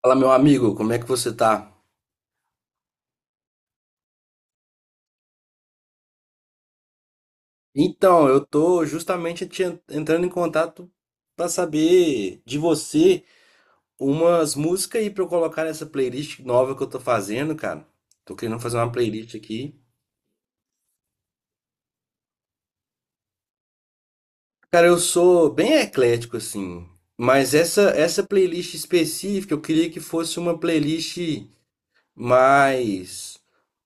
Fala, meu amigo, como é que você tá? Então, eu tô justamente entrando em contato pra saber de você umas músicas aí pra eu colocar nessa playlist nova que eu tô fazendo, cara. Tô querendo fazer uma playlist aqui. Cara, eu sou bem eclético assim, mas essa playlist específica eu queria que fosse uma playlist mas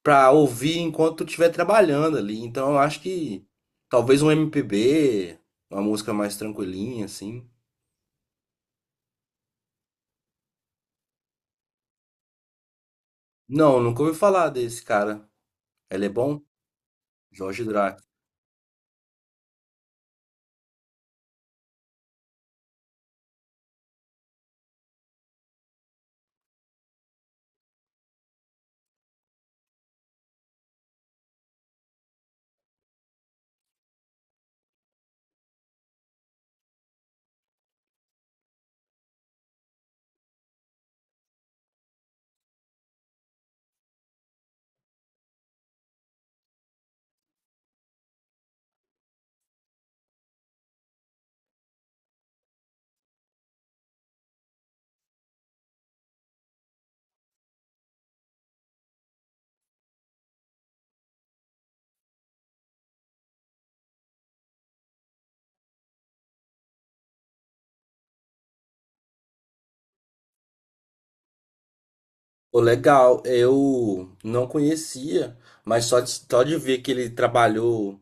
pra ouvir enquanto eu estiver trabalhando ali. Então eu acho que talvez um MPB, uma música mais tranquilinha, assim. Não, nunca ouvi falar desse cara. Ele é bom? Jorge Drake. Pô, legal, eu não conhecia, mas só de ver que ele trabalhou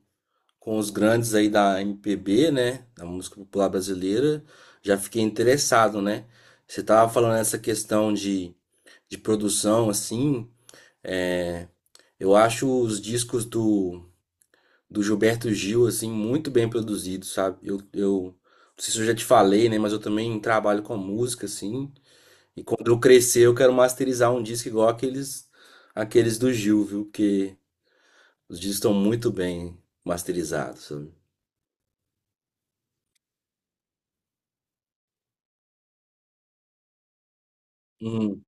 com os grandes aí da MPB, né, da música popular brasileira, já fiquei interessado, né? Você tava falando essa questão de produção, assim, é, eu acho os discos do, do Gilberto Gil, assim, muito bem produzidos, sabe? Eu não sei se eu já te falei, né? Mas eu também trabalho com música, assim. E quando eu crescer, eu quero masterizar um disco igual aqueles, aqueles do Gil, viu? Porque os discos estão muito bem masterizados, sabe? Hum.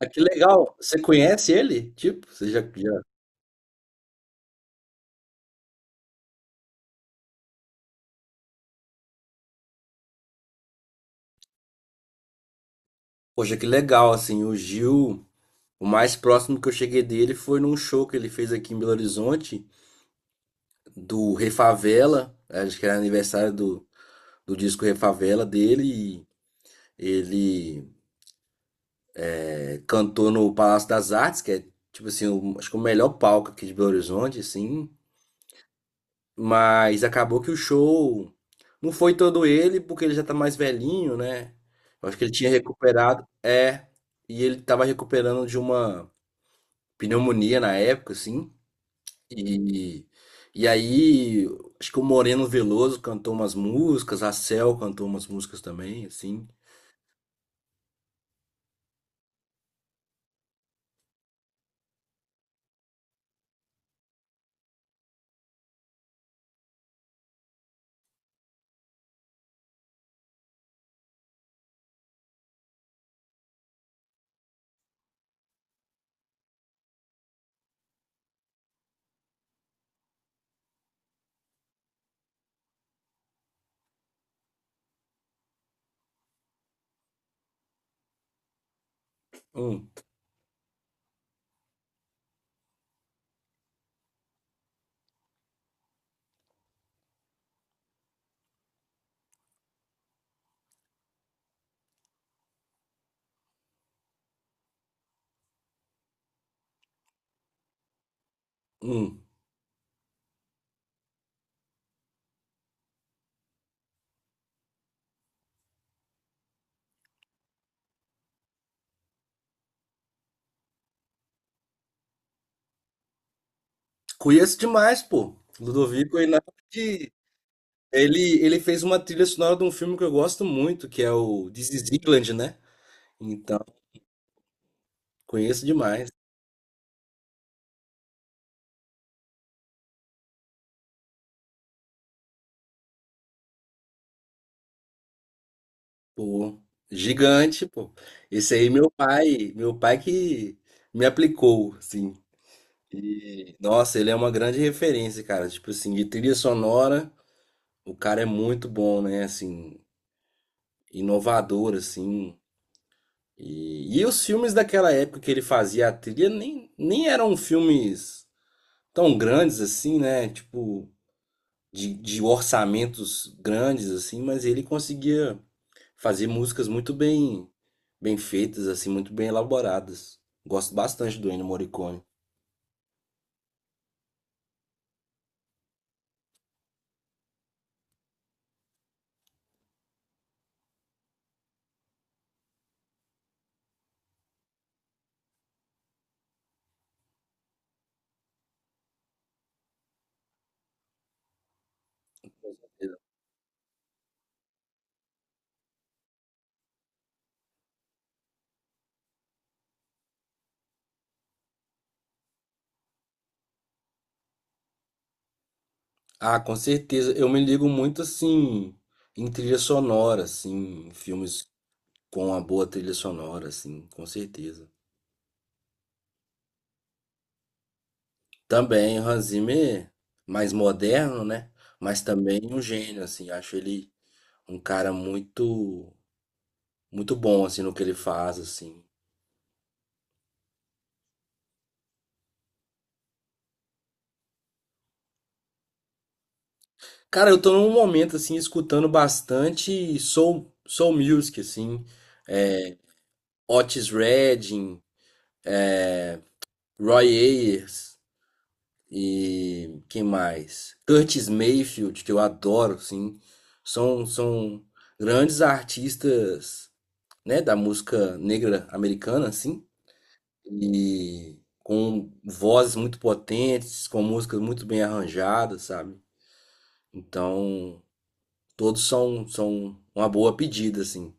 Ah, que legal! Você conhece ele? Tipo, você já, já... Poxa, que legal, assim, o Gil, o mais próximo que eu cheguei dele foi num show que ele fez aqui em Belo Horizonte, do Refavela, acho que era aniversário do, do disco Refavela dele, e ele cantou no Palácio das Artes, que é tipo assim, acho que o melhor palco aqui de Belo Horizonte, assim, mas acabou que o show não foi todo ele, porque ele já tá mais velhinho, né? Eu acho que ele tinha recuperado, e ele tava recuperando de uma pneumonia na época, assim, E, e aí, acho que o Moreno Veloso cantou umas músicas, a Cel cantou umas músicas também, assim. Hum, hum. Conheço demais, pô. Ludovico Einaudi, ele fez uma trilha sonora de um filme que eu gosto muito, que é o This is England, né? Então, conheço demais, pô. Gigante, pô. Esse aí, meu pai que me aplicou, assim. E, nossa, ele é uma grande referência, cara. Tipo assim, de trilha sonora. O cara é muito bom, né? Assim, inovador, assim. E os filmes daquela época que ele fazia a trilha nem eram filmes tão grandes assim, né? Tipo, de orçamentos grandes, assim, mas ele conseguia fazer músicas muito bem, bem feitas, assim, muito bem elaboradas. Gosto bastante do Ennio Morricone. Ah, com certeza. Eu me ligo muito assim em trilha sonora, assim, em filmes com uma boa trilha sonora, assim, com certeza. Também o Hans Zimmer, mais moderno, né? Mas também um gênio, assim. Acho ele um cara muito, muito bom, assim, no que ele faz, assim. Cara, eu tô num momento, assim, escutando bastante soul, soul music, assim. Otis Redding, é, Roy Ayers e quem mais? Curtis Mayfield, que eu adoro, assim. São grandes artistas, né, da música negra americana, assim, e com vozes muito potentes, com músicas muito bem arranjadas, sabe? Então, todos são uma boa pedida, assim.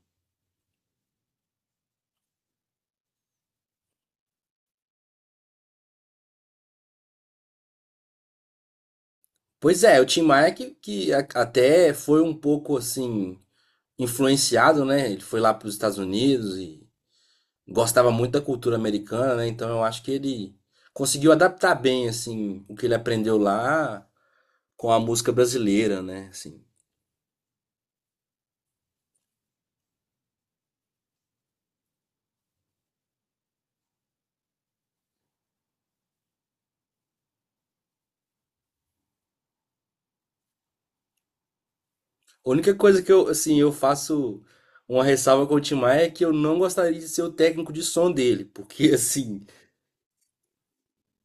Pois é, o Tim Maia que até foi um pouco, assim, influenciado, né? Ele foi lá para os Estados Unidos e gostava muito da cultura americana, né? Então, eu acho que ele conseguiu adaptar bem, assim, o que ele aprendeu lá com a música brasileira, né? Assim. A única coisa que eu, assim, eu faço uma ressalva com o Tim Maia é que eu não gostaria de ser o técnico de som dele, porque, assim,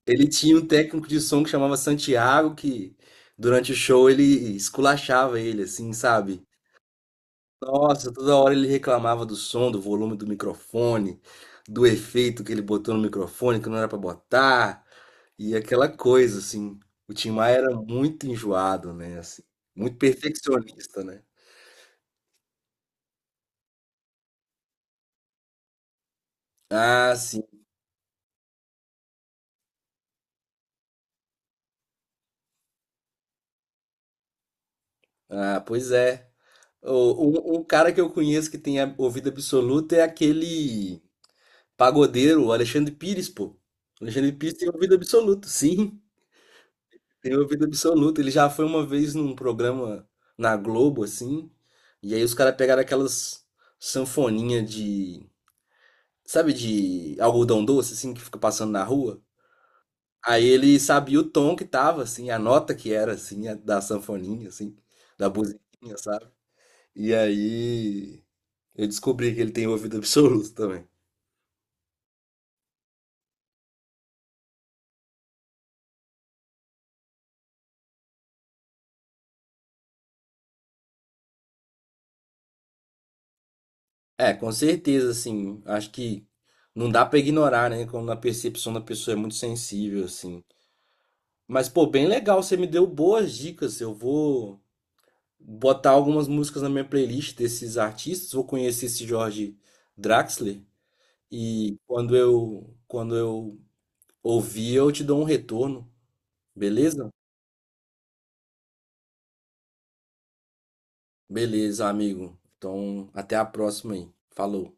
ele tinha um técnico de som que chamava Santiago, que durante o show ele esculachava ele, assim, sabe? Nossa, toda hora ele reclamava do som, do volume do microfone, do efeito que ele botou no microfone que não era pra botar, e aquela coisa, assim. O Tim Maia era muito enjoado, né, assim, muito perfeccionista, né? Ah, sim. Ah, pois é. O- um cara que eu conheço que ouvido absoluto é aquele pagodeiro, o Alexandre Pires, pô. O Alexandre Pires tem ouvido absoluto, sim, tem ouvido absoluto. Ele já foi uma vez num programa na Globo, assim, e aí os caras pegaram aquelas sanfoninhas de, sabe, de algodão doce, assim, que fica passando na rua. Aí ele sabia o tom que tava, assim, a nota que era, assim, da sanfoninha, assim, da buzininha, sabe? E aí, eu descobri que ele tem ouvido absoluto também. É, com certeza, assim. Acho que não dá pra ignorar, né? Quando a percepção da pessoa é muito sensível, assim. Mas, pô, bem legal. Você me deu boas dicas. Eu vou botar algumas músicas na minha playlist desses artistas. Vou conhecer esse Jorge Draxler. E quando eu ouvir, eu te dou um retorno. Beleza? Beleza, amigo. Então, até a próxima aí. Falou.